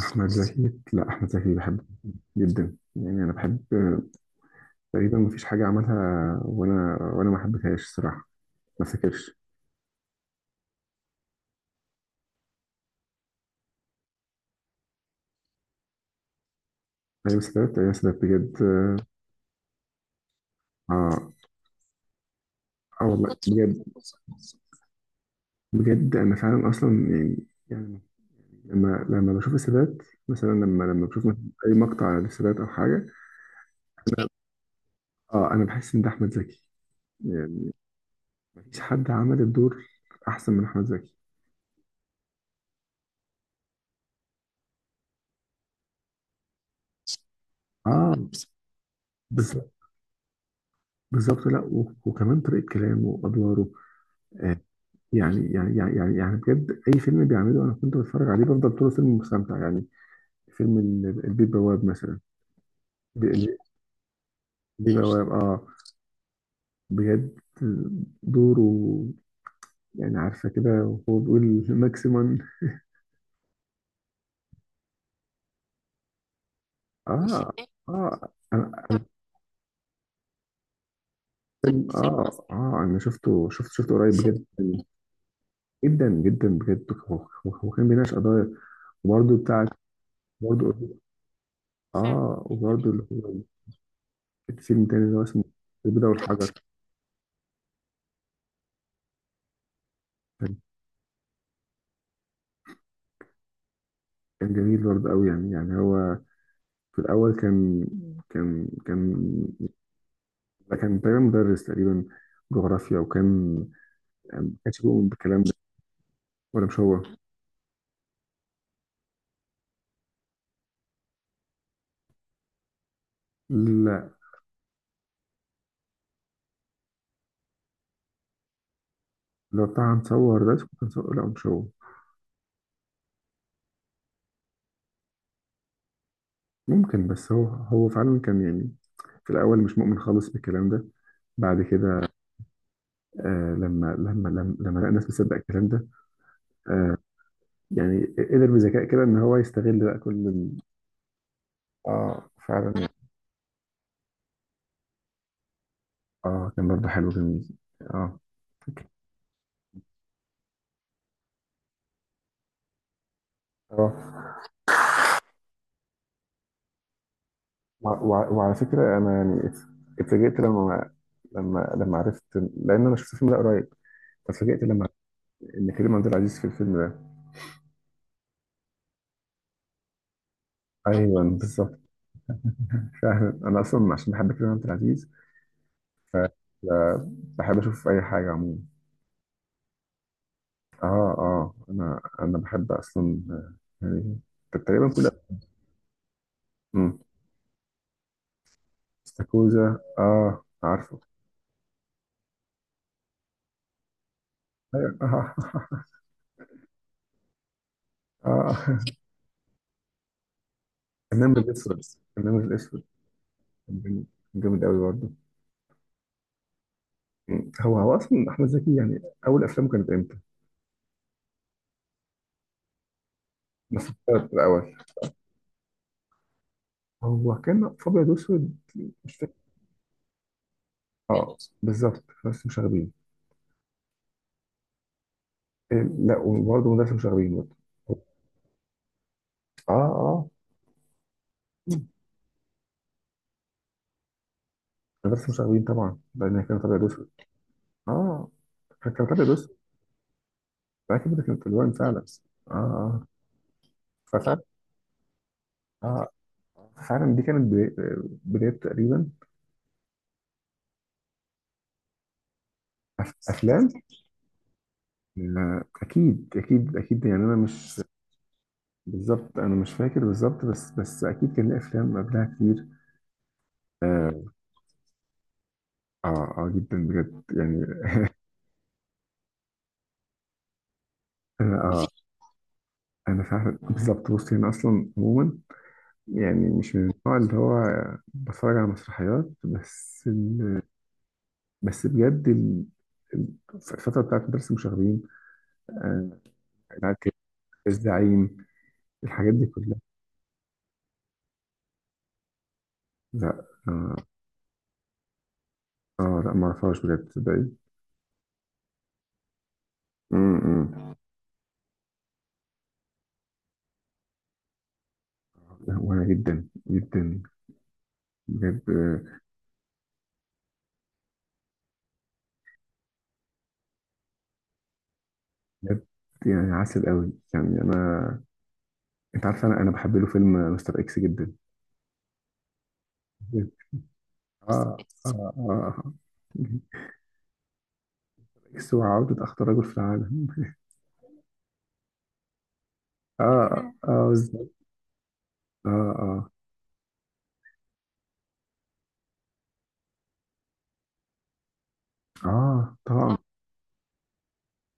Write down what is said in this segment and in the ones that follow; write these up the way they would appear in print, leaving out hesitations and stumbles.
احمد زكي، لا احمد زكي بحبه جدا. يعني انا بحب تقريبا مفيش حاجه عملها وانا ما حبيتهاش الصراحه. ما افتكرش. ايام سادات، ايام سادات بجد. اه، اه والله كنت بجد. بجد انا فعلا اصلا يعني. يعني لما بشوف السادات، مثلا لما بشوف مثلاً اي مقطع للسادات او حاجه. اه انا بحس ان ده احمد زكي، يعني مفيش حد عمل الدور احسن من احمد زكي. اه بالظبط، بالظبط، لا وكمان طريقه كلامه وادواره. آه، يعني بجد اي فيلم بيعمله انا كنت بتفرج عليه بفضل طول الفيلم مستمتع يعني. فيلم البيه بواب مثلا. ب- ال- البيه بواب، اه بجد. دوره، يعني عارفه كده وهو بيقول ماكسيمم. اه اه انا. فيلم، اه اه انا شفته، شفته قريب بجد. جدا جدا بجد. هو كان بيناقش قضايا وبرده بتاعت، برضه. اه وبرده اللي هو الفيلم التاني اللي هو اسمه البيضة والحجر. كان، كان جميل برضه قوي يعني. يعني هو في الأول كان، كان ده كان تقريبا مدرس، تقريبا جغرافيا، وكان ما كانش بيؤمن بالكلام ده. ولا مش هو؟ لا، لو بتاع هنصور ده كان صور، لا مش هو. ممكن، بس هو فعلا كان يعني في الأول مش مؤمن خالص بالكلام ده. بعد كده آه لما لقى الناس بتصدق الكلام ده، آه يعني قدر بذكاء كده ان هو يستغل بقى كل ال... اه فعلا. اه كان برضه حلو جميل. اه فكرة. اه وعلى فكرة أنا يعني اتفاجئت لما، لما عرفت، لأن أنا شفت الفيلم ده قريب. فاتفاجئت لما عرفت إن كريم عبد العزيز في الفيلم ده. أيوه بالظبط. فعلا أنا أصلا عشان بحب كريم عبد العزيز، ف ف- بحب أشوف أي حاجة عموما. أه، أه أنا بحب أصلا يعني تقريبا كل. أمم. استاكوزا، أه عارفه. أيوة. أه أه. النمر الأسود، النمر الأسود. كان جامد أوي برضه. هو اصلا احمد زكي يعني اول افلامه كانت امتى؟ بس في الاول. هو كان في ابيض واسود، مش فاكر. اه بالظبط بس مشاغبين. إيه، لا وبرضه مدرسه مشاغبين برضه. اه اه. مم. مدرسه مشاغبين طبعا، لان هي كانت ابيض واسود. اه، كانت ابيض واسود. فاكر كده كانت الوان فعلا. اه اه. ففعلا، اه فعلا دي كانت بداية، بداية تقريبا. افلام. آه، اكيد اكيد اكيد يعني انا مش. بالظبط انا مش فاكر بالظبط، بس بس اكيد كان ليه افلام قبلها كتير. اه، اه، آه جدا بجد يعني. انا اه انا فعلا بالظبط. بصي انا اصلا عموما يعني مش من النوع اللي هو بتفرج على مسرحيات، بس ال...، بس بجد ال... الفترة بتاعت مدرسة المشاغبين، آه، بتاعت الزعيم، الحاجات دي كلها. لا اه، آه لا ما اعرفش بجد تصدقي. م- م. وانا جدا جدا بجد، بجد يعني عسل قوي يعني انا. انت عارف انا، انا بحب له فيلم مستر اكس جدا. مستر، اه اه، اه اه اكس وعودة اخطر رجل في العالم. اه اه اه بالظبط. اه اه. اه طبعا.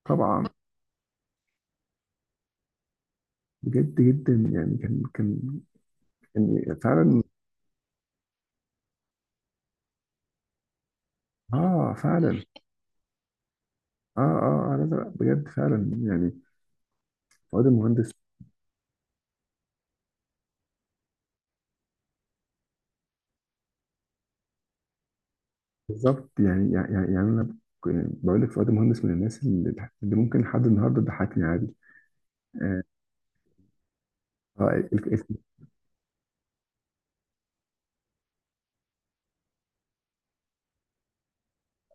طبعا بجد جدا يعني، كان كان يعني فعلا. اه فعلا. اه اه آه، لا لا بجد فعلا يعني فؤاد المهندس. بالظبط، يعني انا يعني بقول لك فؤاد المهندس من الناس اللي اللي ممكن لحد النهارده تضحكني عادي. آه. آه،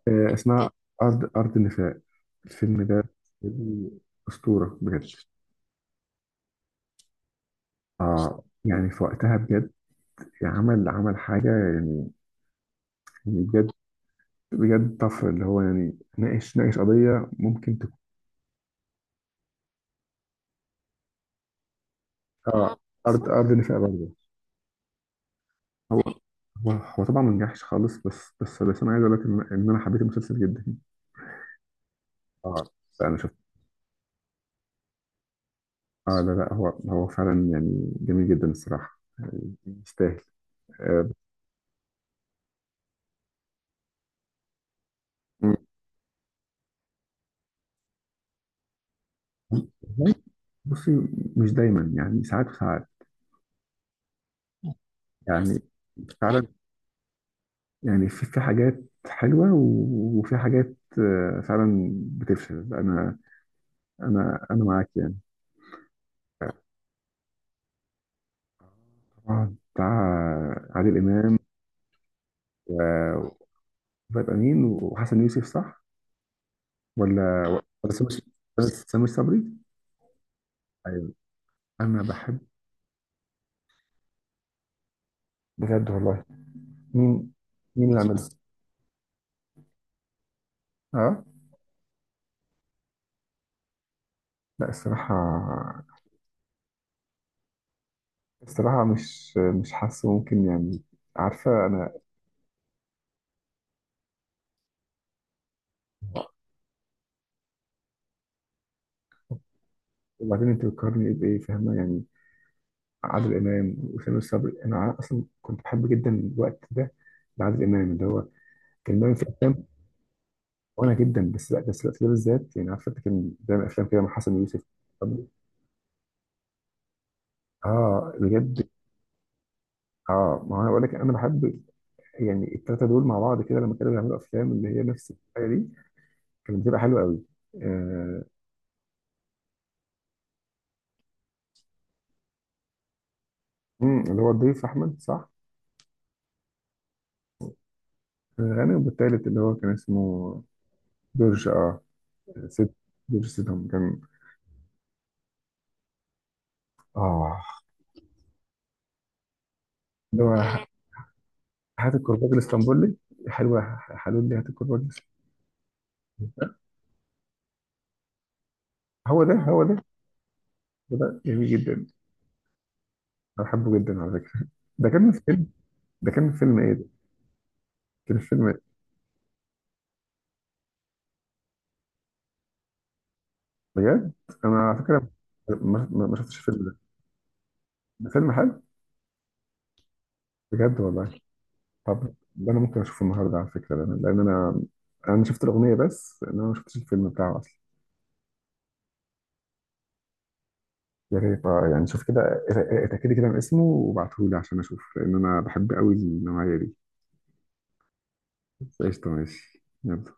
آه، اسمها أرض، أرض النفاق. الفيلم ده فيلم أسطورة بجد. آه يعني في وقتها بجد عمل، عمل حاجة يعني. يعني بجد، بجد طفرة، اللي هو يعني ناقش، ناقش قضية ممكن تكون. آه أرض، أرض النفاق برضه. هو هو هو طبعا ما نجحش خالص، بس بس بس أنا عايز أقول لك إن، إن أنا حبيت المسلسل جدا. آه لا أنا شفت. آه لا لا، هو فعلا يعني جميل جدا الصراحة. آه، يستاهل. آه، بصي مش دايما، يعني ساعات وساعات. يعني فعلا، يعني في في حاجات حلوة وفي حاجات آه، فعلا بتفشل. أنا، أنا معاك يعني. طبعا، بتاع عادل إمام و- وفؤاد أمين وحسن يوسف صح؟ ولا، ولا سامي، بس سامي صبري. أيوه، أنا بحب. بجد والله. مين؟ مين اللي عملها؟ أه. لا الصراحة، الصراحة مش مش حاسه ممكن يعني. عارفة أنا. وبعدين أنت بتقارني بإيه فاهمة يعني؟ عادل امام وسامي الصبري. انا اصلا كنت بحب جدا الوقت ده لعادل امام، اللي هو كان بيعمل في افلام. وانا جدا، بس لا، بس الوقت ده بالذات يعني عارف انت كان بيعمل افلام كده مع حسن يوسف. طب- اه بجد. اه ما هو انا بقول لك انا بحب يعني الثلاثه دول مع بعض، كده لما كانوا بيعملوا افلام اللي هي نفس الحاجه دي كانت بتبقى حلوه قوي. آه. مم، اللي هو الضيف احمد صح. غني. والتالت اللي هو كان اسمه جورج. اه، سيد، جورج سيدهم كان. اه. اللي هو هات الكرباج الاسطنبولي، حلوة. حلول لي هات الكرباج الاسطنبولي. هو ده، هو ده، هو ده جميل جدا. أنا بحبه جدا على فكرة. ده كان من فيلم، ده كان من فيلم إيه ده؟ كان في فيلم. بجد؟ أنا على فكرة ما شفتش الفيلم ده. ده فيلم حلو. بجد والله. طب ده أنا ممكن أشوفه النهاردة على فكرة، لأن أنا، أنا شفت الأغنية بس إن أنا ما شفتش الفيلم بتاعه أصلا. يا ريت آه، يعني شوف كده، اتأكدي كده من اسمه وابعتهولي عشان أشوف، لأن أنا بحب قوي النوعية دي. قشطة ماشي، يلا.